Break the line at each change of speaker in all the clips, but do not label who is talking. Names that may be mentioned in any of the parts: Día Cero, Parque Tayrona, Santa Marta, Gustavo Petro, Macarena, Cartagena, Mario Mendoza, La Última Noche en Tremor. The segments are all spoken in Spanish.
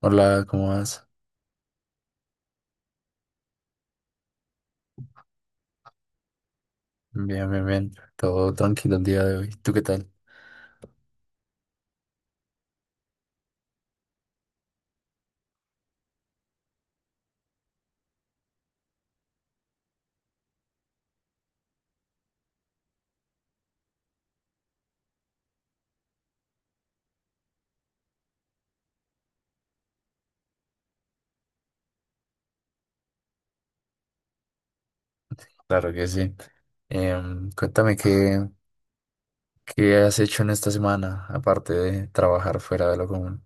Hola, ¿cómo vas? Bien, bien, bien. Todo tranquilo el día de hoy. ¿Tú qué tal? Claro que sí. Cuéntame qué has hecho en esta semana, aparte de trabajar fuera de lo común.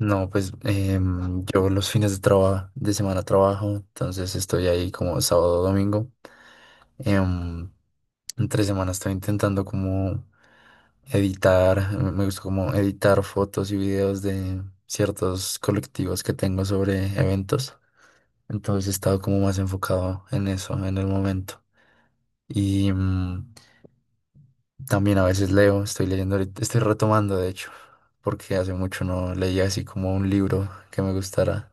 No, pues yo los fines de trabajo, de semana trabajo, entonces estoy ahí como sábado, domingo. Em, en tres semanas estoy intentando como editar, me gusta como editar fotos y videos de ciertos colectivos que tengo sobre eventos. Entonces he estado como más enfocado en eso en el momento. Y también a veces leo, estoy leyendo, estoy retomando de hecho, porque hace mucho no leía así como un libro que me gustara,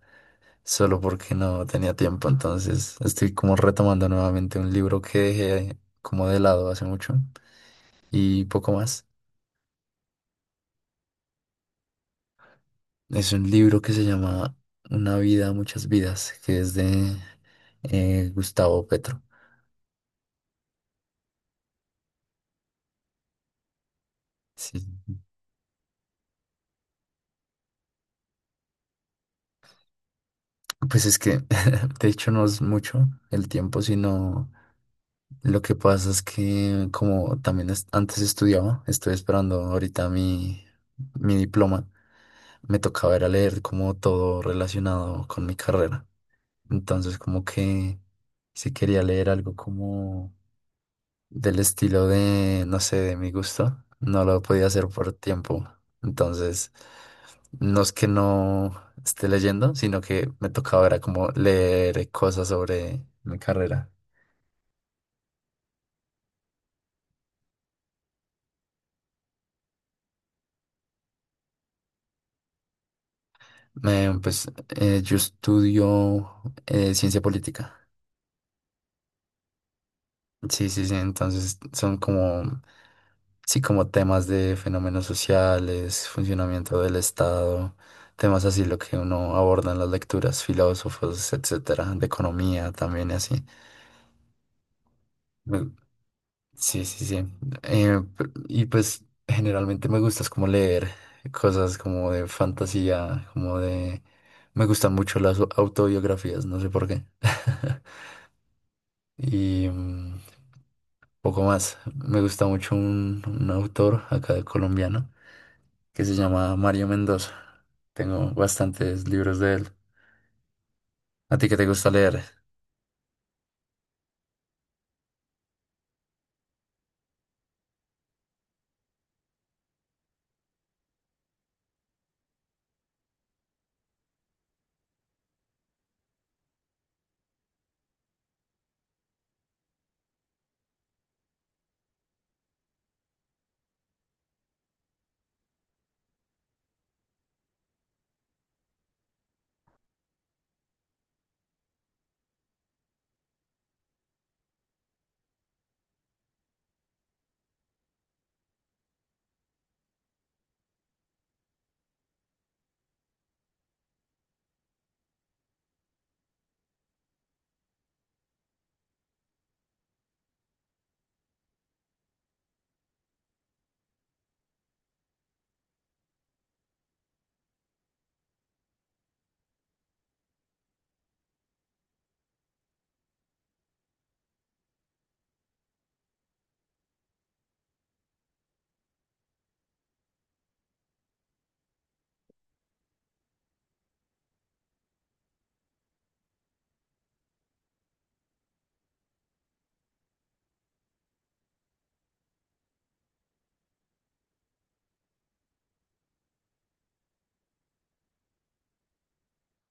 solo porque no tenía tiempo. Entonces estoy como retomando nuevamente un libro que dejé como de lado hace mucho y poco más. Es un libro que se llama Una vida, muchas vidas, que es de Gustavo Petro. Sí. Pues es que, de hecho, no es mucho el tiempo, sino lo que pasa es que como también antes estudiaba, estoy esperando ahorita mi diploma, me tocaba ir a leer como todo relacionado con mi carrera. Entonces, como que si quería leer algo como del estilo de, no sé, de mi gusto, no lo podía hacer por tiempo. Entonces, no es que no esté leyendo, sino que me tocaba era como leer cosas sobre mi carrera. Pues yo estudio ciencia política. Sí, sí, sí. Entonces son como, sí, como temas de fenómenos sociales, funcionamiento del Estado, temas así lo que uno aborda en las lecturas, filósofos, etcétera, de economía también y así. Me- Sí, sí, sí. Y pues generalmente me gusta es como leer cosas como de fantasía, como de... Me gustan mucho las autobiografías, no sé por qué. y mm, poco más. Me gusta mucho un autor acá colombiano que se llama Mario Mendoza. Tengo bastantes libros de él. ¿A ti qué te gusta leer?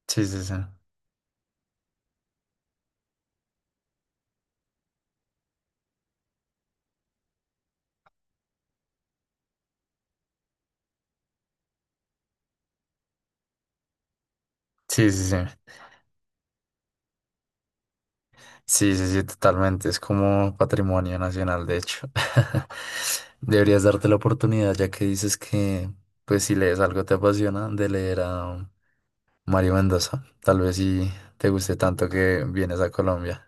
Sí, sí, sí. Sí, sí, sí. Sí, sí, sí, totalmente. Es como patrimonio nacional, de hecho. Deberías darte la oportunidad, ya que dices que, pues, si lees algo te apasiona, de leer a Mario Mendoza. Tal vez si te guste tanto que vienes a Colombia.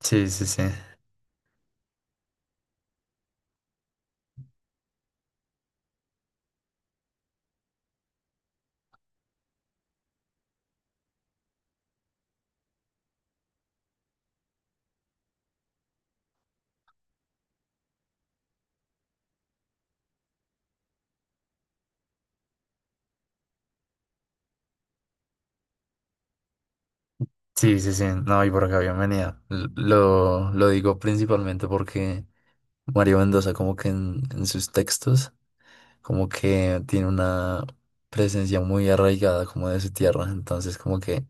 Sí, sí, sí. Sí, sí, sí. No, y por acá, bienvenida. Lo digo principalmente porque Mario Mendoza, como que en sus textos, como que tiene una presencia muy arraigada como de su tierra. Entonces, como que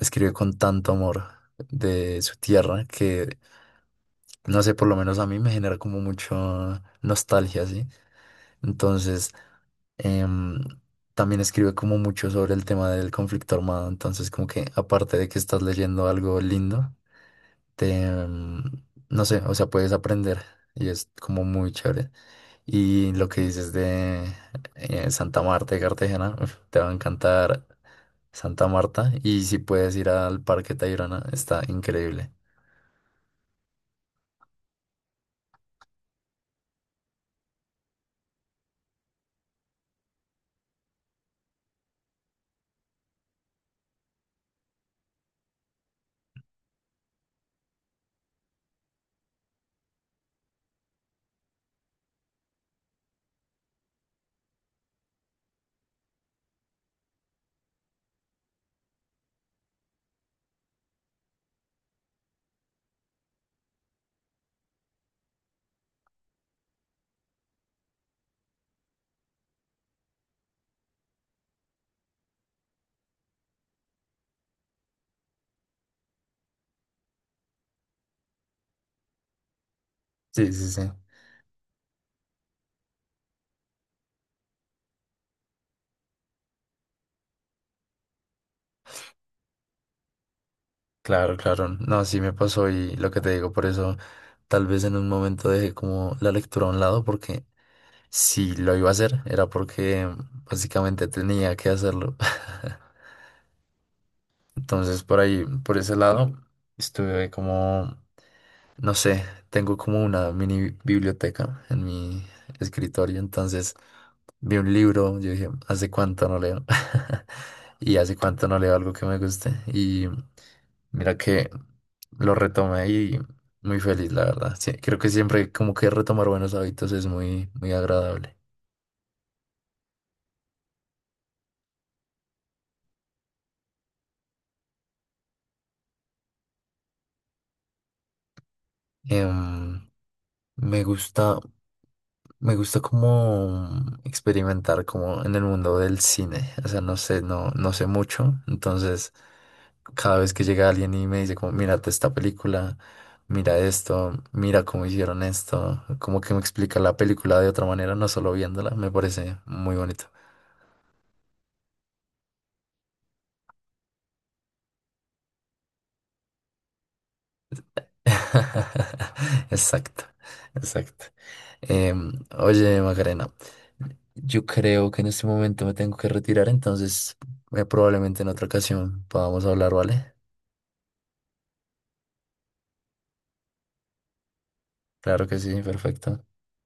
escribe con tanto amor de su tierra que, no sé, por lo menos a mí me genera como mucho nostalgia, ¿sí? Entonces, em, también escribe como mucho sobre el tema del conflicto armado, entonces como que aparte de que estás leyendo algo lindo, te, mm, no sé, o sea, puedes aprender y es como muy chévere. Y lo que dices de Santa Marta de Cartagena, uf, te va a encantar Santa Marta. Y si puedes ir al Parque Tayrona, está increíble. Sí, sí, sí. Claro, claro. No, sí me pasó y lo que te digo, por eso tal vez en un momento dejé como la lectura a un lado, porque si lo iba a hacer era porque básicamente tenía que hacerlo. Entonces, por ahí, por ese lado, estuve como, no sé, tengo como una mini biblioteca en mi escritorio, entonces vi un libro, yo dije, ¿hace cuánto no leo? Y hace cuánto no leo algo que me guste. Y mira que lo retomé y muy feliz, la verdad. Sí, creo que siempre como que retomar buenos hábitos es muy, muy agradable. Em, Me gusta, me gusta como experimentar como en el mundo del cine. O sea, no sé, no, no sé mucho. Entonces, cada vez que llega alguien y me dice como, mírate esta película, mira esto, mira cómo hicieron esto, como que me explica la película de otra manera, no solo viéndola, me parece muy bonito. Exacto, exacto. Oye, Macarena, yo creo que en este momento me tengo que retirar, entonces probablemente en otra ocasión podamos hablar, ¿vale? Claro que sí, perfecto.